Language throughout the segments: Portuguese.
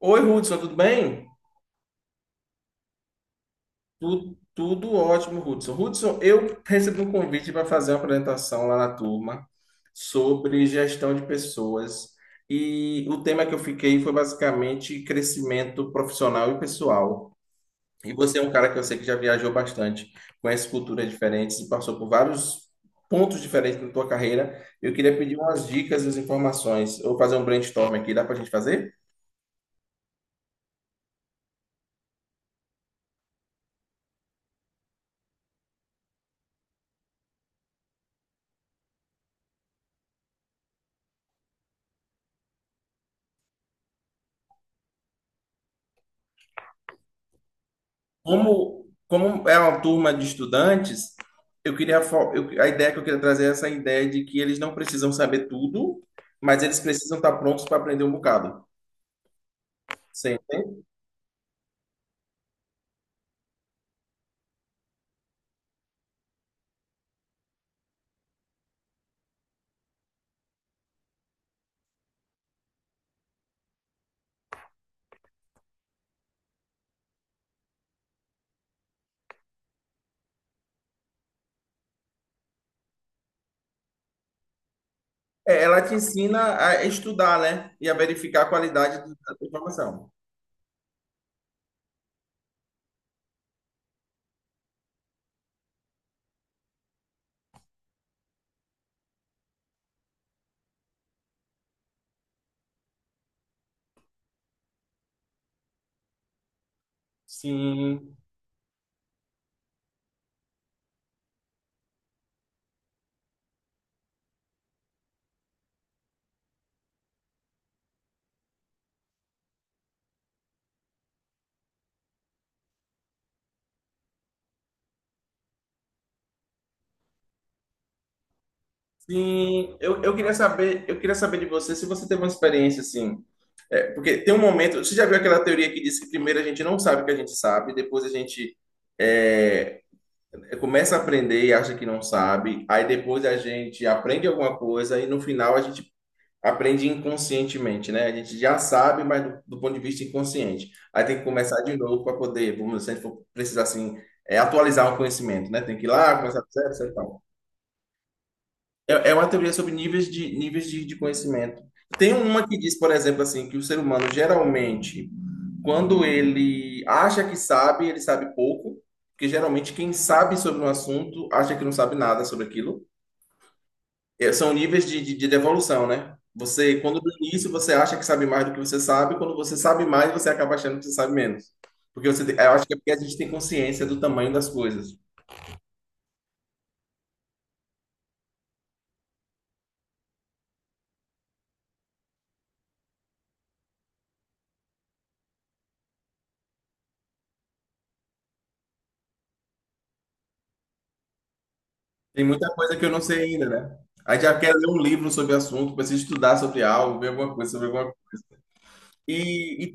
Oi, Hudson, tudo bem? Tudo, ótimo, Hudson. Hudson, eu recebi um convite para fazer uma apresentação lá na turma sobre gestão de pessoas. E o tema que eu fiquei foi basicamente crescimento profissional e pessoal. E você é um cara que eu sei que já viajou bastante, conhece culturas diferentes e passou por vários pontos diferentes na tua carreira. Eu queria pedir umas dicas e as informações. Eu vou fazer um brainstorm aqui, dá para a gente fazer? Como, como é uma turma de estudantes, eu queria fo- eu- a ideia que eu queria trazer é essa ideia de que eles não precisam saber tudo, mas eles precisam estar prontos para aprender um bocado. Sim. É, ela te ensina a estudar, né? E a verificar a qualidade da tua informação. Sim, sim. Eu queria saber de você se você teve uma experiência assim. É, porque tem um momento. Você já viu aquela teoria que diz que primeiro a gente não sabe o que a gente sabe, depois a gente é, começa a aprender e acha que não sabe, aí depois a gente aprende alguma coisa e no final a gente aprende inconscientemente, né? A gente já sabe, mas do ponto de vista inconsciente. Aí tem que começar de novo para poder, vamos dizer, se a gente for precisar assim, atualizar um conhecimento, né? Tem que ir lá, começar do zero, etc e tal. É uma teoria sobre níveis de conhecimento. Tem uma que diz, por exemplo, assim, que o ser humano geralmente quando ele acha que sabe, ele sabe pouco, porque geralmente quem sabe sobre um assunto acha que não sabe nada sobre aquilo. São níveis de devolução, né? Você, quando no início você acha que sabe mais do que você sabe, quando você sabe mais, você acaba achando que você sabe menos. Porque você, eu acho que é porque a gente tem consciência do tamanho das coisas. Tem muita coisa que eu não sei ainda, né? A gente já quer ler um livro sobre o assunto, precisa estudar sobre algo, ver alguma coisa sobre alguma coisa. E,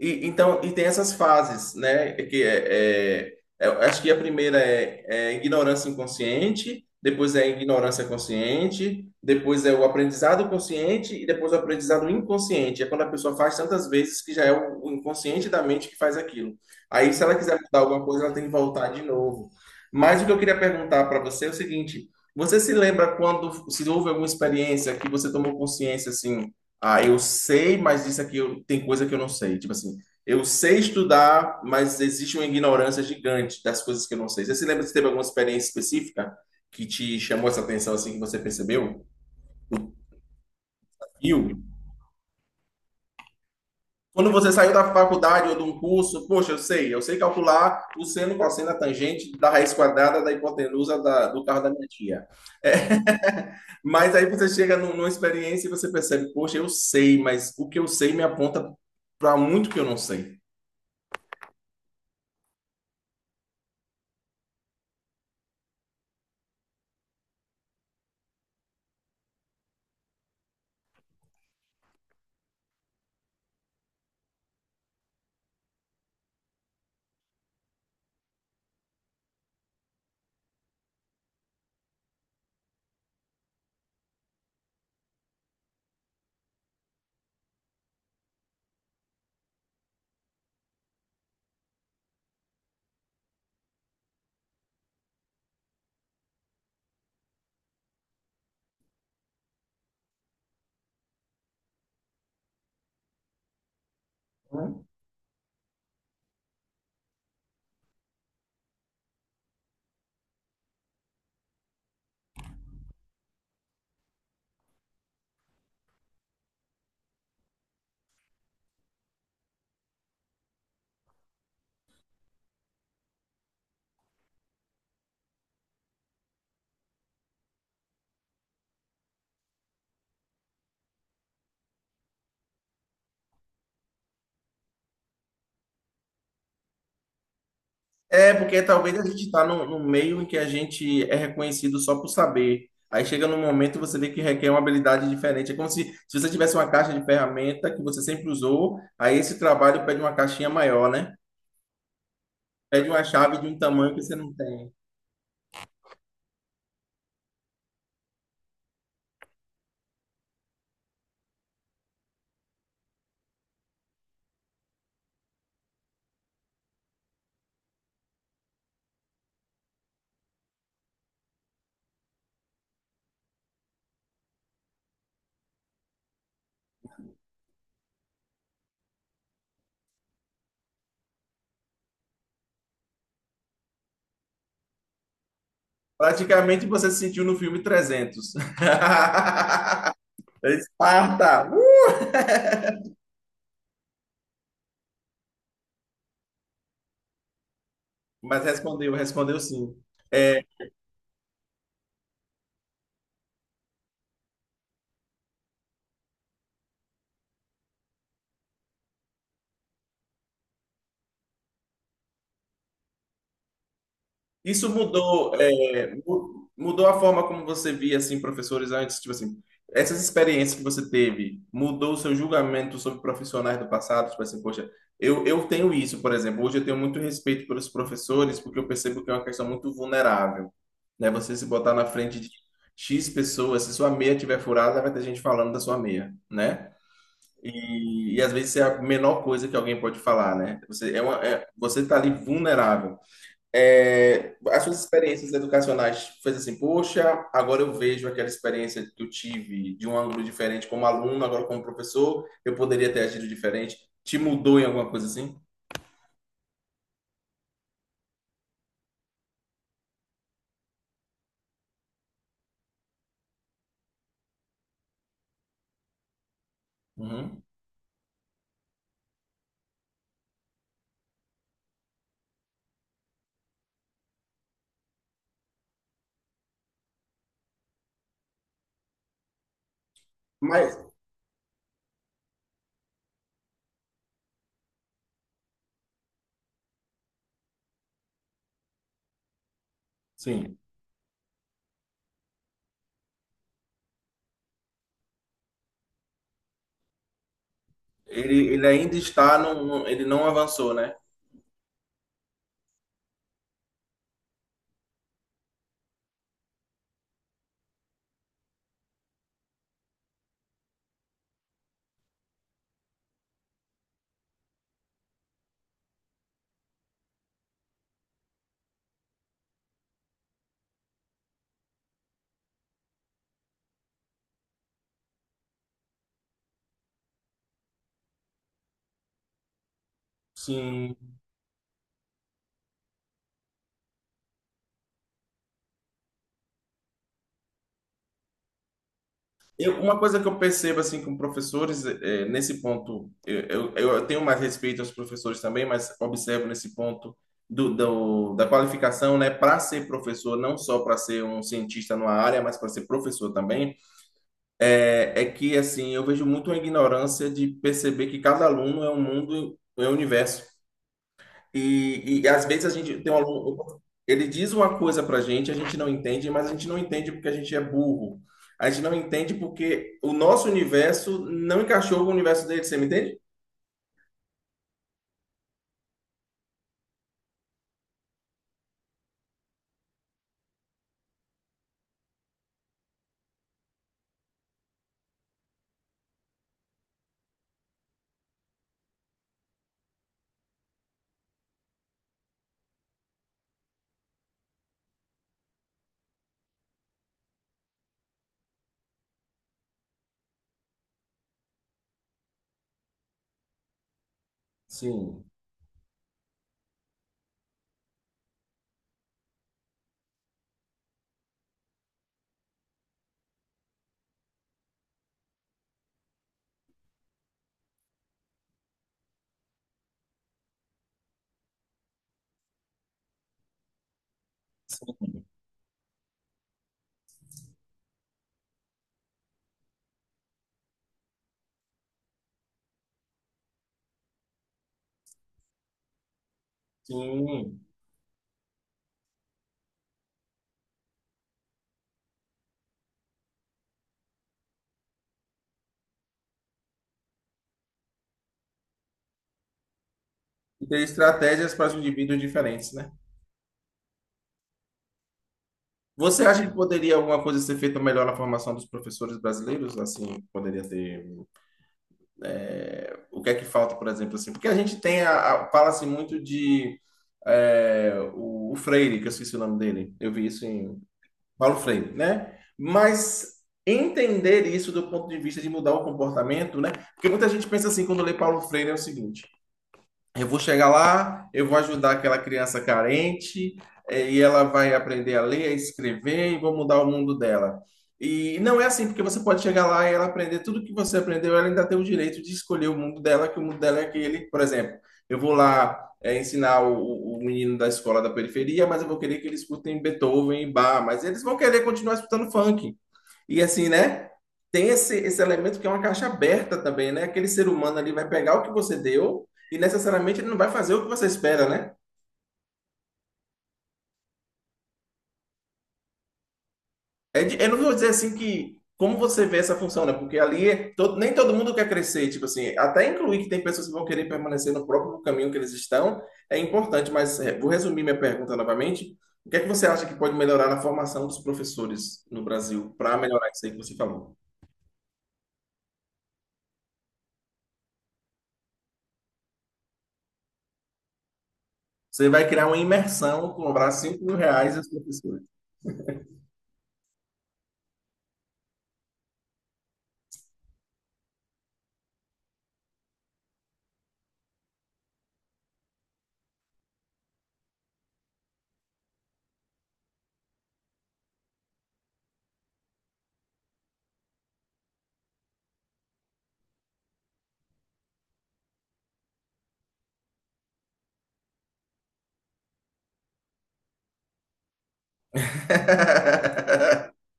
então, tem essas fases, né? É Que é, é- é- Eu acho que a primeira é ignorância inconsciente, depois é ignorância consciente, depois é o aprendizado consciente e depois o aprendizado inconsciente. É quando a pessoa faz tantas vezes que já é o inconsciente da mente que faz aquilo. Aí, se ela quiser mudar alguma coisa, ela tem que voltar de novo. Mas o que eu queria perguntar para você é o seguinte: você se lembra quando se houve alguma experiência que você tomou consciência assim? Ah, eu sei, mas isso aqui tem coisa que eu não sei. Tipo assim, eu sei estudar, mas existe uma ignorância gigante das coisas que eu não sei. Você se lembra se teve alguma experiência específica que te chamou essa atenção assim que você percebeu? Filme. Quando você saiu da faculdade ou de um curso, poxa, eu sei calcular o seno, cosseno, a tangente da raiz quadrada da hipotenusa do carro da minha tia. É, mas aí você chega numa experiência e você percebe, poxa, eu sei, mas o que eu sei me aponta para muito que eu não sei. É, porque talvez a gente está num meio em que a gente é reconhecido só por saber. Aí chega num momento e você vê que requer uma habilidade diferente. É como se você tivesse uma caixa de ferramenta que você sempre usou, aí esse trabalho pede uma caixinha maior, né? Pede uma chave de um tamanho que você não tem. Praticamente você se sentiu no filme 300. Esparta! Mas respondeu, respondeu sim. É, Mudou a forma como você via assim professores antes, tipo assim, essas experiências que você teve, mudou o seu julgamento sobre profissionais do passado, tipo assim, poxa, eu tenho isso, por exemplo, hoje eu tenho muito respeito pelos professores porque eu percebo que é uma questão muito vulnerável, né? Você se botar na frente de X pessoas, se sua meia tiver furada, vai ter gente falando da sua meia, né? E, às vezes é a menor coisa que alguém pode falar, né? Você tá ali vulnerável. As suas experiências educacionais fez assim, poxa, agora eu vejo aquela experiência que eu tive de um ângulo diferente como aluno, agora como professor, eu poderia ter agido diferente. Te mudou em alguma coisa assim? Uhum. Mas, sim, ele ainda está, ele não avançou, né? Sim. Uma coisa que eu percebo assim com professores nesse ponto eu tenho mais respeito aos professores também, mas observo nesse ponto da qualificação, né, para ser professor, não só para ser um cientista numa área, mas para ser professor também, é que assim eu vejo muito a ignorância de perceber que cada aluno é um mundo, é um universo. E, às vezes a gente tem um aluno, ele diz uma coisa para a gente não entende, mas a gente não entende porque a gente é burro. A gente não entende porque o nosso universo não encaixou com o universo dele, você me entende? Sim. Sim. E ter estratégias para os indivíduos diferentes, né? Você acha que poderia alguma coisa ser feita melhor na formação dos professores brasileiros? Assim, o que é que falta, por exemplo, assim? Porque a gente tem fala-se muito de o Freire, que eu esqueci o nome dele. Eu vi isso em Paulo Freire, né? Mas entender isso do ponto de vista de mudar o comportamento, né? Porque muita gente pensa assim quando lê Paulo Freire é o seguinte: eu vou chegar lá, eu vou ajudar aquela criança carente, e ela vai aprender a ler, a escrever, e vou mudar o mundo dela. E não é assim, porque você pode chegar lá e ela aprender tudo que você aprendeu, ela ainda tem o direito de escolher o mundo dela, que o mundo dela é aquele. Por exemplo, eu vou lá, ensinar o menino da escola da periferia, mas eu vou querer que ele escutem Beethoven e Bach, mas eles vão querer continuar escutando funk. E assim, né? Tem esse elemento que é uma caixa aberta também, né? Aquele ser humano ali vai pegar o que você deu e necessariamente ele não vai fazer o que você espera, né? Eu não vou dizer assim que como você vê essa função, né? Porque ali é nem todo mundo quer crescer, tipo assim, até incluir que tem pessoas que vão querer permanecer no próprio caminho que eles estão é importante, mas vou resumir minha pergunta novamente. O que é que você acha que pode melhorar na formação dos professores no Brasil para melhorar isso aí que você falou? Você vai criar uma imersão, cobrar 5 mil reais e os professores.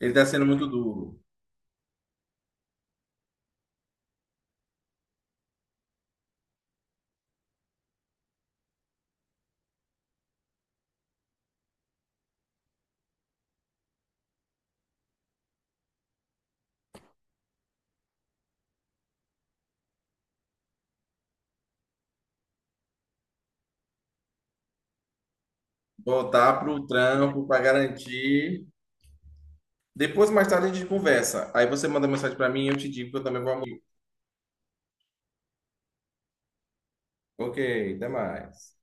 Ele tá sendo muito duro. Voltar pro trampo para garantir. Depois, mais tarde, a gente conversa. Aí você manda mensagem para mim e eu te digo que eu também vou. Ok, até mais.